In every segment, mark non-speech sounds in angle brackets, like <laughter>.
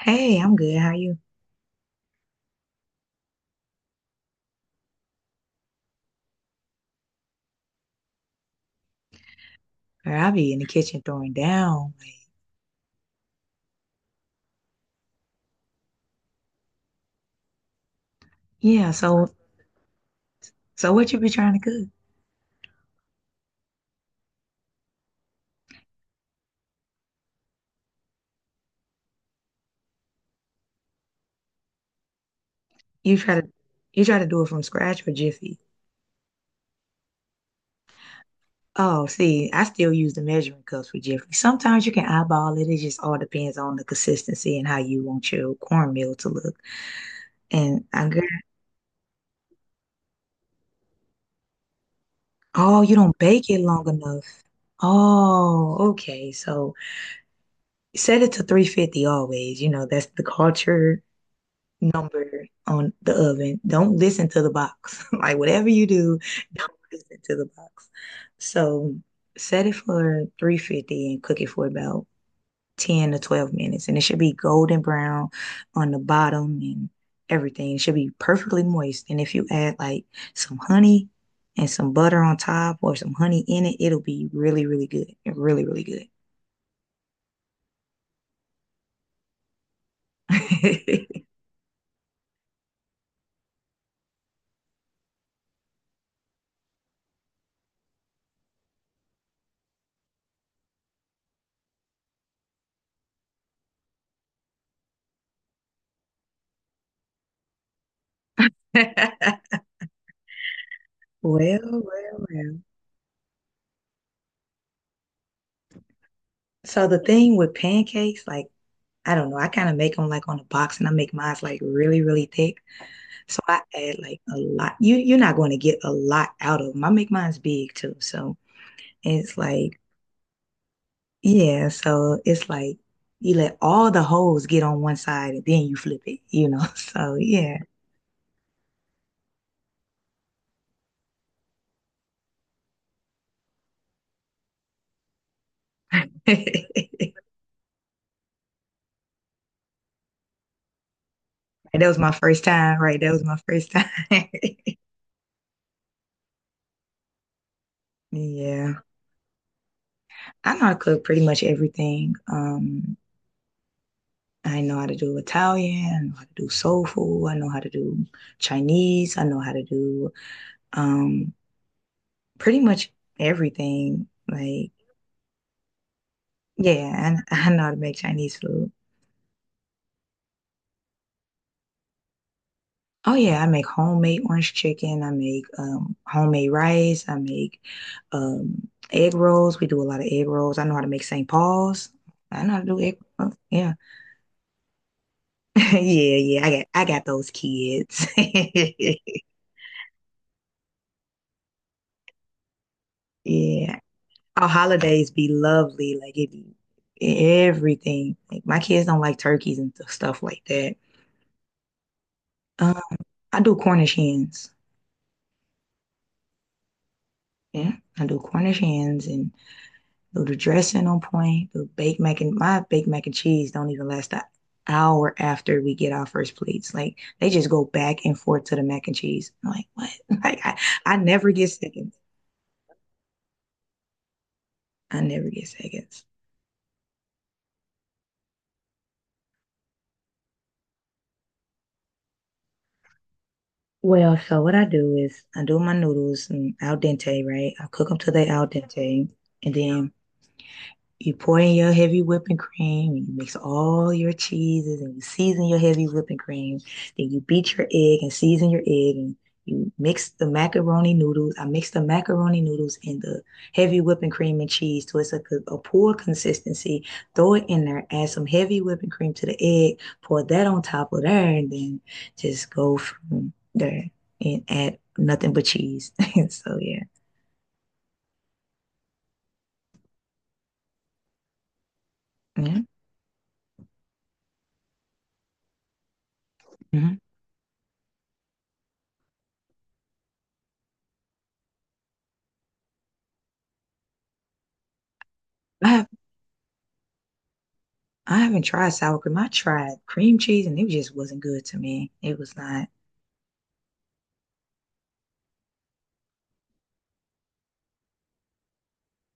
Hey, I'm good. How you? Girl, I be in the kitchen throwing down. Like, yeah, so what you be trying to cook? You try to you try to do it from scratch or Jiffy? Oh, see, I still use the measuring cups for Jiffy. Sometimes you can eyeball it. It just all depends on the consistency and how you want your cornmeal to look. And I got, oh, you don't bake it long enough. Oh, okay. So set it to 350 always. You know, that's the culture number on the oven. Don't listen to the box. <laughs> Like whatever you do, don't listen to the box. So set it for 350 and cook it for about 10 to 12 minutes. And it should be golden brown on the bottom and everything. It should be perfectly moist. And if you add like some honey and some butter on top or some honey in it, it'll be really, really good. Really, really good. <laughs> Well, well, well. So the thing with pancakes, like I don't know. I kind of make them like on a box and I make mine like really, really thick. So I add like a lot. You're not going to get a lot out of them. I make mine's big too. So it's like, yeah, so it's like you let all the holes get on one side and then you flip it, you know. <laughs> So yeah. <laughs> That was my first time, right? That was my first time. <laughs> Yeah. I know how to cook pretty much everything. I know how to do Italian, I know how to do soul food, I know how to do Chinese, I know how to do um pretty much everything. Like, yeah, and <laughs> I know how to make Chinese food. Oh yeah, I make homemade orange chicken, I make homemade rice, I make egg rolls. We do a lot of egg rolls. I know how to make St. Paul's. I know how to do egg rolls. Yeah. <laughs> Yeah, yeah. I got those kids. <laughs> Yeah. Our holidays be lovely, like it be everything. Like my kids don't like turkeys and stuff like that. Uh, I do Cornish hens. Yeah, I do Cornish hens and do the dressing on point. Do baked mac and my baked mac and cheese don't even last an hour after we get our first plates. Like they just go back and forth to the mac and cheese. I'm like what? <laughs> Like I never get seconds. I never get seconds. Well, so what I do is I do my noodles and al dente, right? I cook them till they al dente, and then you pour in your heavy whipping cream, and you mix all your cheeses, and you season your heavy whipping cream. Then you beat your egg and season your egg, and you mix the macaroni noodles. I mix the macaroni noodles and the heavy whipping cream and cheese to it's a poor consistency. Throw it in there, add some heavy whipping cream to the egg, pour that on top of there, and then just go from there and add nothing but cheese. <laughs> So yeah. Mhm. Mhm. I have I haven't tried sour cream. I tried cream cheese and it just wasn't good to me. It was not.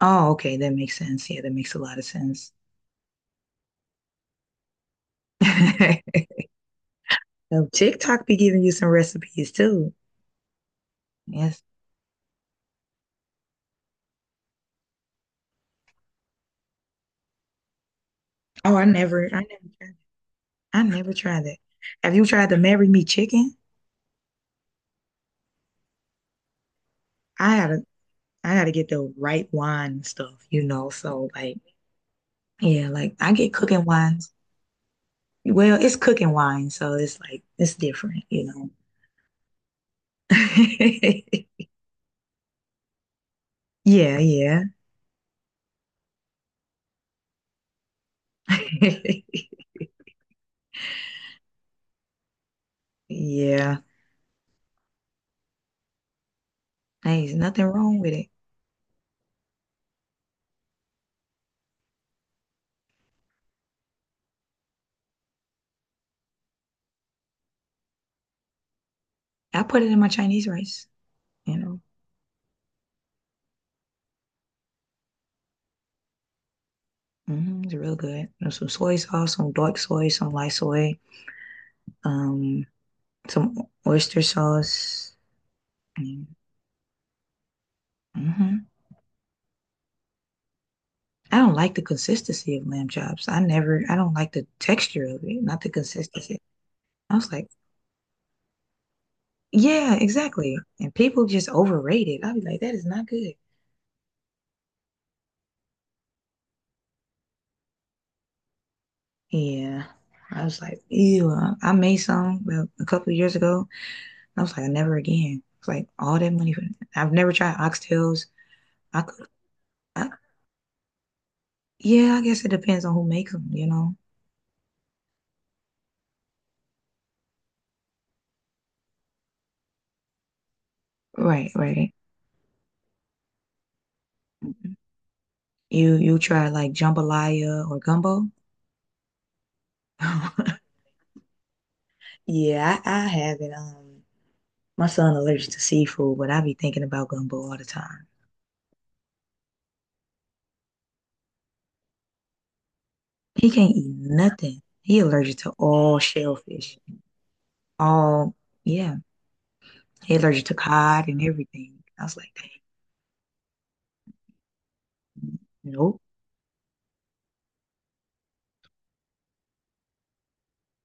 Oh, okay. That makes sense. Yeah, that makes a lot of sense. <laughs> So TikTok be giving you some recipes too. Yes. Oh, I never tried. I never tried that. Have you tried the Marry Me chicken? I gotta, I gotta get the right wine and stuff, you know. So like, yeah, like I get cooking wines. Well, it's cooking wine, so it's like it's different, you know. <laughs> Yeah, yeah. <laughs> Yeah, hey, there's nothing wrong with it. I put it in my Chinese rice, you know. It's real good. There's some soy sauce, some dark soy, some light soy, um, some oyster sauce. Mm-hmm. I don't like the consistency of lamb chops. I don't like the texture of it, not the consistency. I was like, yeah, exactly. And people just overrate it. I'll be like, that is not good. Yeah. I was like, ew. I made some well, a couple of years ago. I was like, never again. It's like all that money for I've never tried oxtails. I could, I, yeah, I guess it depends on who makes them, you know? Right, right. Mhm. You try like jambalaya or gumbo? <laughs> Yeah, I haven't. My son allergic to seafood, but I be thinking about gumbo all the time. He can't eat nothing. He allergic to all shellfish. All, yeah. He allergic to cod and everything. I was like, dang, nope,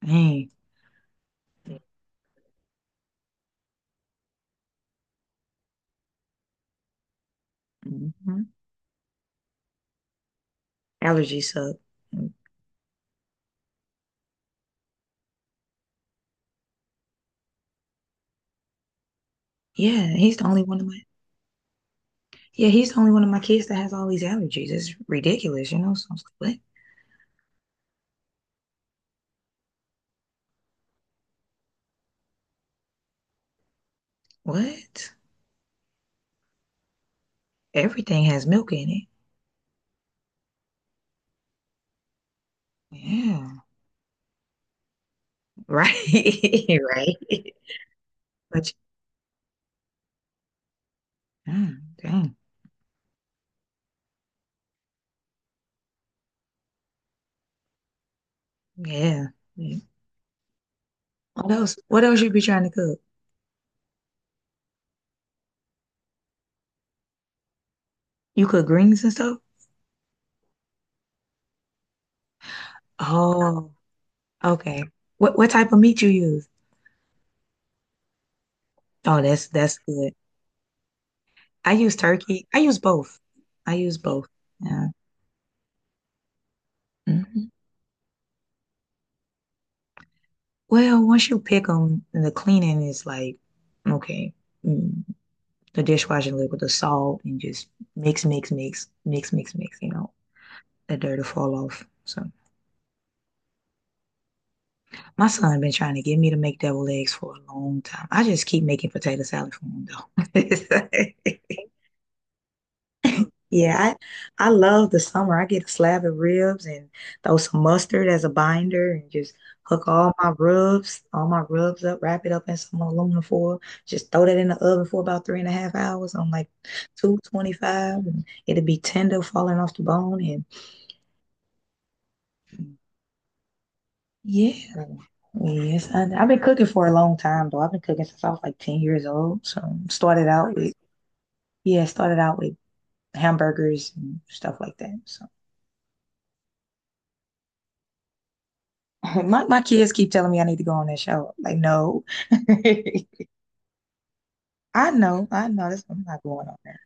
dang. Mm-hmm. Allergies suck. Yeah, he's the only one of my yeah, he's the only one of my kids that has all these allergies. It's ridiculous, you know. So I was like, what? What? Everything has milk in it. Yeah, <laughs> right, <laughs> right. But dang, yeah. Yeah. What else? What else you be trying to cook? You cook greens and stuff? Oh, okay. What type of meat you use? Oh, that's good. I use turkey. I use both. I use both. Yeah. Mhm. Well, once you pick them, the cleaning is like, okay, mm, the dishwashing liquid, the salt, and just mix, mix, mix, mix, mix, mix, you know, the dirt will fall off. So my son been trying to get me to make deviled eggs for a long time. I just keep making potato salad for him though. <laughs> Yeah, I love the summer. I get a slab of ribs and throw some mustard as a binder and just hook all my rubs up, wrap it up in some aluminum foil, just throw that in the oven for about 3.5 hours on like 225 and it'll be tender falling off the bone and yeah. Yes, I've been cooking for a long time though. I've been cooking since I was like 10 years old. So started out with Nice. Yeah, started out with hamburgers and stuff like that. So <laughs> My kids keep telling me I need to go on that show. Like, no. <laughs> I know, I know. That's I'm not going on there.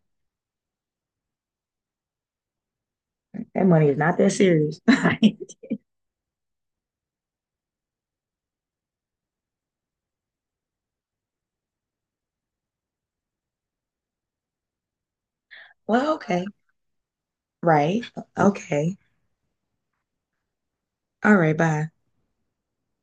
That money is not that serious. <laughs> Well, okay. Right. Okay. All right, bye.